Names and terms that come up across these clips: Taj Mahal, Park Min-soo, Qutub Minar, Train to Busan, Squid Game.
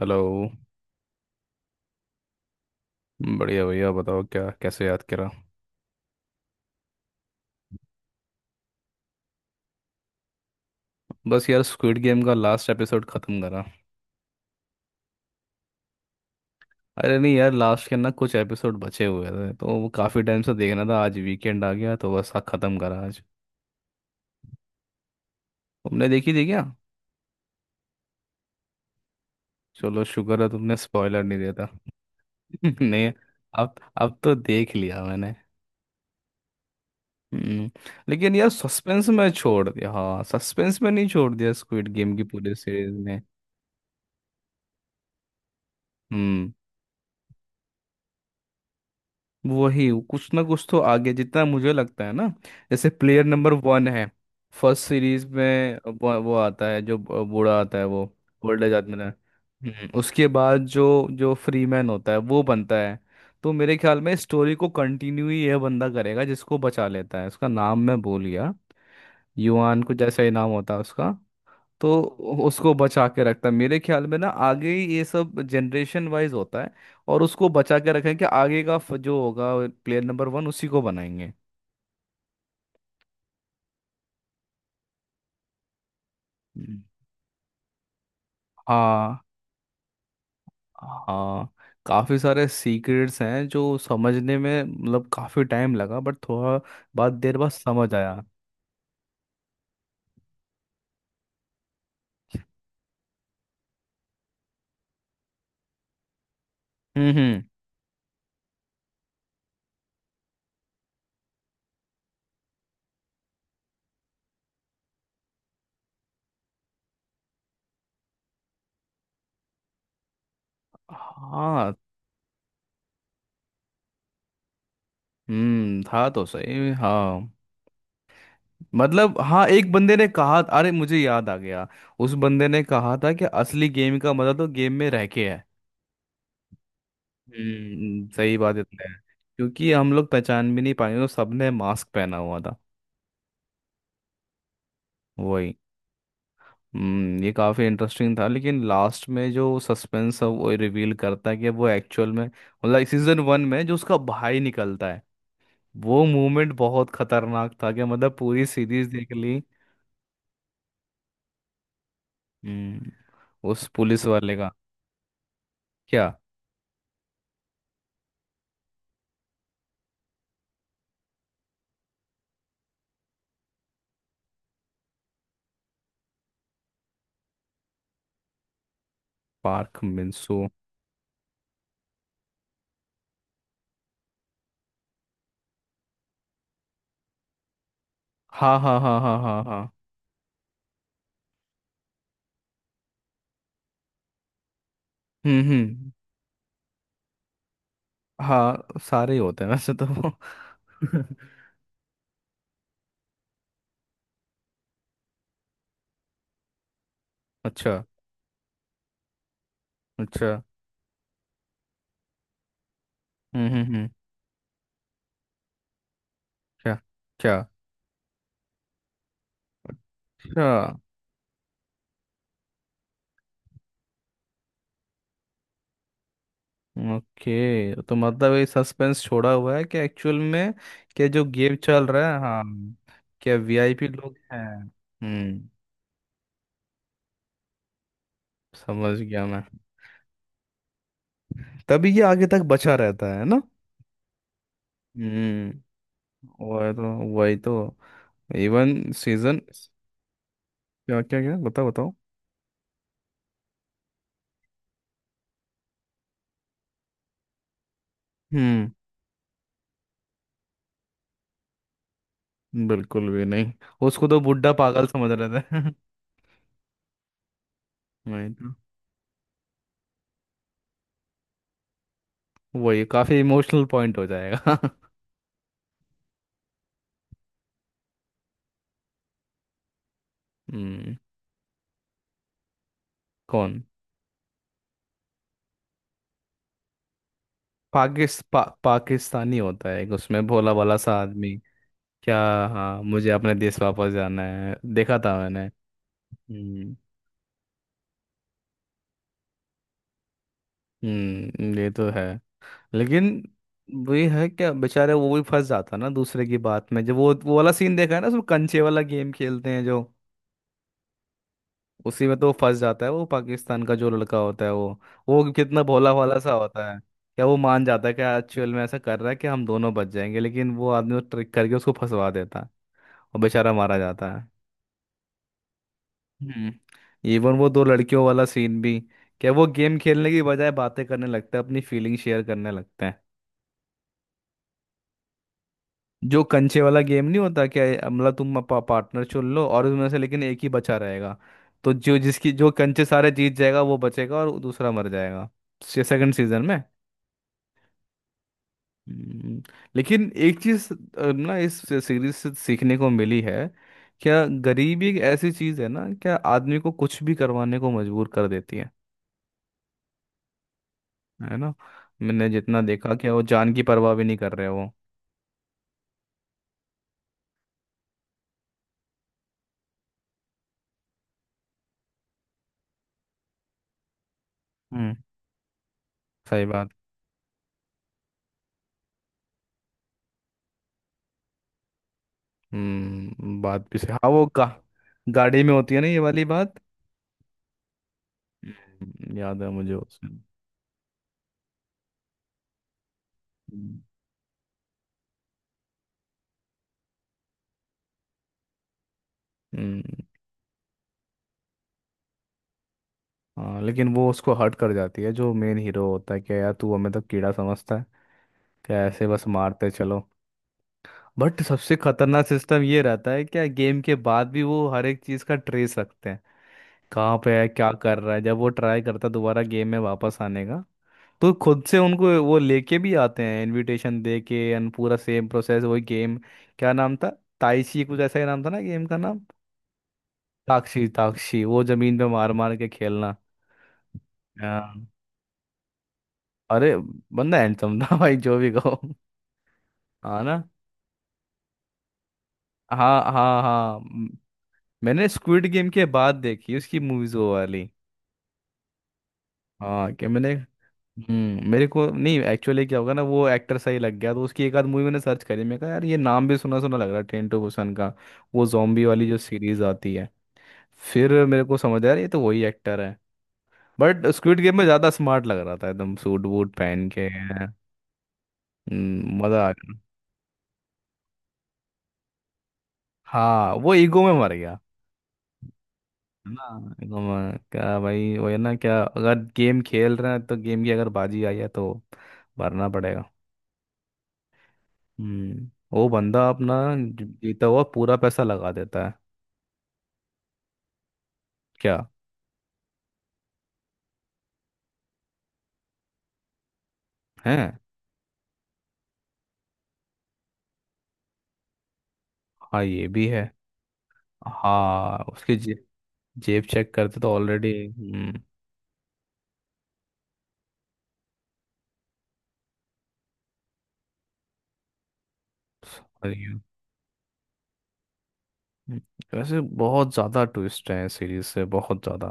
Hello. बढ़िया भैया। बताओ, क्या कैसे याद करा। बस यार, स्क्विड गेम का लास्ट एपिसोड खत्म करा। अरे नहीं यार, लास्ट के ना कुछ एपिसोड बचे हुए थे, तो वो काफ़ी टाइम से देखना था। आज वीकेंड आ गया तो बस हाँ, खत्म करा आज। तुमने देखी थी क्या। चलो शुक्र है तुमने स्पॉइलर नहीं देता। नहीं। अब अब तो देख लिया मैंने। हम्म। लेकिन यार सस्पेंस में छोड़ दिया, हाँ सस्पेंस में नहीं छोड़ दिया स्क्विड गेम की पूरी सीरीज ने। हम्म। वही कुछ ना कुछ तो आगे जितना मुझे लगता है ना। जैसे प्लेयर नंबर वन है। फर्स्ट सीरीज में वो आता है, जो बूढ़ा आता है वो। ओल्ड एज आदमी ना। उसके बाद जो जो फ्री मैन होता है वो बनता है। तो मेरे ख्याल में स्टोरी को कंटिन्यू ही यह बंदा करेगा, जिसको बचा लेता है, उसका नाम मैं भूल गया। युआन कुछ ऐसा ही नाम होता है उसका। तो उसको बचा के रखता है मेरे ख्याल में ना, आगे ये सब जनरेशन वाइज होता है। और उसको बचा के रखें कि आगे का जो होगा, प्लेयर नंबर वन उसी को बनाएंगे। हम्म। हाँ हाँ। काफ़ी सारे सीक्रेट्स हैं जो समझने में मतलब काफ़ी टाइम लगा, बट थोड़ा बाद देर बाद समझ आया। हम्म। हाँ। था तो सही, हाँ। मतलब हाँ, एक बंदे ने कहा, अरे मुझे याद आ गया। उस बंदे ने कहा था कि असली गेम का मजा तो गेम में रह के है। सही बात इतना है। क्योंकि हम लोग पहचान भी नहीं पाए, तो सबने मास्क पहना हुआ था। वही। ये काफ़ी इंटरेस्टिंग था, लेकिन लास्ट में जो सस्पेंस है वो रिवील करता है कि वो एक्चुअल में मतलब सीजन वन में जो उसका भाई निकलता है, वो मोमेंट बहुत खतरनाक था, कि मतलब पूरी सीरीज देख ली। हम्म। उस पुलिस वाले का। क्या। Park Minsu. हाँ हाँ हाँ हाँ हाँ हाँ। हम्म। हाँ सारे ही होते हैं वैसे तो वो। अच्छा। अच्छा। हम्म। क्या क्या। अच्छा। ओके, तो मतलब ये सस्पेंस छोड़ा हुआ है कि एक्चुअल में क्या जो गेम चल रहा है, हाँ, क्या वीआईपी लोग हैं, हम्म। समझ गया मैं। तभी ये आगे तक बचा रहता है ना। हम्म। वही तो। वही तो। Even season. क्या क्या क्या, बताओ बताओ। हम्म। बिल्कुल भी नहीं। उसको तो बुड्ढा पागल समझ रहे थे। नहीं तो, वही काफी इमोशनल पॉइंट हो जाएगा। हम्म। कौन। पाकिस्तानी होता है एक, उसमें भोला भाला सा आदमी। क्या। हाँ मुझे अपने देश वापस जाना है, देखा था मैंने। हम्म। ये तो है, लेकिन वही है क्या, बेचारे वो भी फंस जाता ना दूसरे की बात में। जब वो वाला सीन देखा है ना, उसमें कंचे वाला गेम खेलते हैं जो, उसी में तो वो फंस जाता है, वो पाकिस्तान का जो लड़का होता है वो। वो कितना भोला भाला सा होता है। क्या वो मान जाता है कि एक्चुअल में ऐसा कर रहा है कि हम दोनों बच जाएंगे, लेकिन वो आदमी ट्रिक करके उसको फंसवा देता है। और बेचारा मारा जाता। हम्म। इवन वो दो लड़कियों वाला सीन भी, क्या वो गेम खेलने की बजाय बातें करने लगते हैं, अपनी फीलिंग शेयर करने लगते हैं। जो कंचे वाला गेम नहीं होता क्या ये, मतलब तुम अपना पार्टनर चुन लो, और उसमें से लेकिन एक ही बचा रहेगा। तो जो जिसकी जो कंचे सारे जीत जाएगा वो बचेगा और दूसरा मर जाएगा। सेकंड सीजन में। हम्म। लेकिन एक चीज ना इस सीरीज से सीखने को मिली है, क्या गरीबी एक ऐसी चीज है ना, क्या आदमी को कुछ भी करवाने को मजबूर कर देती है। है ना। मैंने जितना देखा कि वो जान की परवाह भी नहीं कर रहे, वो। हम्म, सही बात। हम्म। बात भी सही, हाँ, वो गाड़ी में होती है ना ये वाली बात। याद है मुझे उसमें। हम्म हम्म। हाँ लेकिन वो उसको हर्ट कर जाती है, जो मेन हीरो होता है, कि यार तू हमें तो कीड़ा समझता है, क्या ऐसे बस मारते चलो। बट सबसे खतरनाक सिस्टम ये रहता है क्या, गेम के बाद भी वो हर एक चीज का ट्रेस रखते हैं, कहाँ पे है क्या कर रहा है। जब वो ट्राई करता है दोबारा गेम में वापस आने का, तो खुद से उनको वो लेके भी आते हैं, इनविटेशन दे के and पूरा सेम प्रोसेस वही गेम। क्या नाम था, ताइशी कुछ ऐसा ही नाम था ना गेम का नाम। ताक्षी ताक्षी, वो जमीन पे मार मार के खेलना। हाँ। अरे बंदा हैंडसम था भाई, जो भी कहो। हाँ ना। हाँ हाँ हाँ मैंने स्क्विड गेम के बाद देखी उसकी मूवीज वो वाली। हाँ, क्या मैंने। मेरे को नहीं एक्चुअली, क्या होगा ना वो एक्टर सही लग गया तो उसकी एक आध मूवी मैंने सर्च करी। मैं कहा यार ये नाम भी सुना सुना लग रहा है, ट्रेन टू बुसान का वो जॉम्बी वाली जो सीरीज आती है। फिर मेरे को समझ आया यार ये तो वही एक्टर है। बट स्क्विड गेम में ज़्यादा स्मार्ट लग रहा था एकदम सूट वूट पहन के। मज़ा आ गया। हाँ वो ईगो में मर गया, है ना। ईगो में क्या भाई, वो है ना क्या, अगर गेम खेल रहे हैं तो गेम की अगर बाजी आई है तो भरना पड़ेगा। वो बंदा अपना जीता हुआ पूरा पैसा लगा देता है। क्या। है। हाँ ये भी है। हाँ उसकी जेब चेक करते तो ऑलरेडी। हम्म। समझ गया। हम्म। वैसे बहुत ज्यादा ट्विस्ट है सीरीज से, बहुत ज्यादा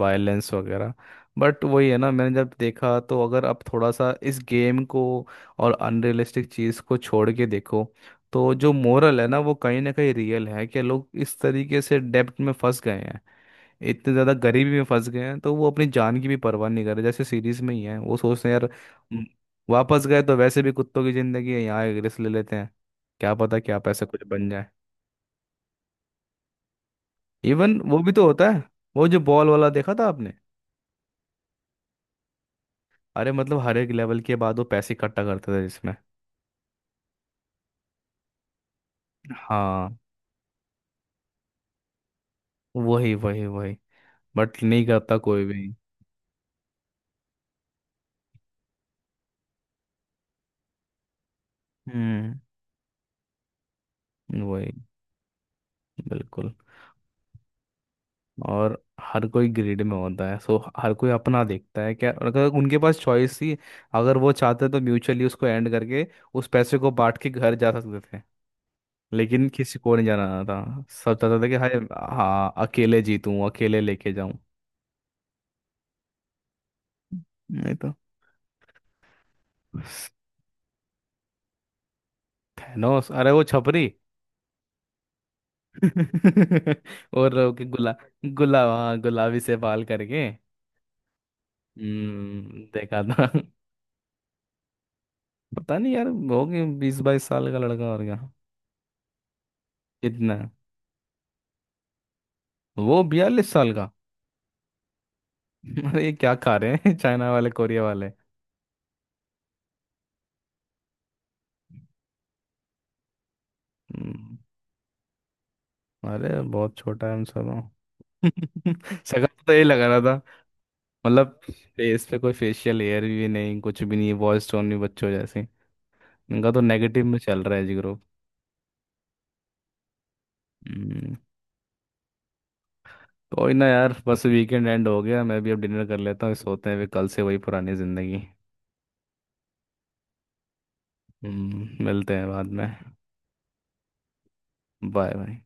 वायलेंस वगैरह। बट वही है ना, मैंने जब देखा तो अगर आप थोड़ा सा इस गेम को और अनरियलिस्टिक चीज़ को छोड़ के देखो, तो जो मोरल है ना वो कहीं ना कहीं रियल है कि लोग इस तरीके से डेब्ट में फंस गए हैं, इतने ज़्यादा गरीबी में फंस गए हैं, तो वो अपनी जान की भी परवाह नहीं कर रहे, जैसे सीरीज में ही है। वो सोचते हैं यार म, वापस गए तो वैसे भी कुत्तों की ज़िंदगी है, यहाँ एक रिस्क ले लेते हैं, क्या पता क्या पैसा कुछ बन जाए। इवन वो भी तो होता है, वो जो बॉल वाला देखा था आपने। अरे मतलब हर एक लेवल के बाद वो पैसे इकट्ठा करते थे, जिसमें। हाँ। वही वही वही। बट नहीं करता कोई भी। हम्म। वही। बिल्कुल। और हर कोई ग्रीड में होता है, सो हर कोई अपना देखता है, क्या और अगर उनके पास चॉइस थी, अगर वो चाहते तो म्यूचुअली उसको एंड करके उस पैसे को बांट के घर जा सकते थे। लेकिन किसी को नहीं जाना था। सब चाहता था कि हाय, हाँ अकेले जीतूं अकेले लेके जाऊं। नहीं तो। थैनोस, अरे वो छपरी। और वो कि गुला गुला हाँ गुलाबी से बाल करके। देखा था। पता नहीं यार, हो गए 20-22 साल का लड़का और क्या। कितना। वो 42 साल का। अरे ये क्या खा रहे हैं। चाइना वाले कोरिया वाले। हम्म। अरे बहुत छोटा है हम सब। सगा तो यही लग रहा था। मतलब फेस पे कोई फेशियल हेयर भी नहीं, कुछ भी नहीं, वॉइस टोन भी बच्चों जैसे। इनका तो नेगेटिव में चल रहा है जी ग्रुप। हम्म। कोई ना यार, बस वीकेंड एंड हो गया, मैं भी अब डिनर कर लेता हूँ, सोते हैं भी, कल से वही पुरानी जिंदगी। मिलते हैं बाद में। Bye bye.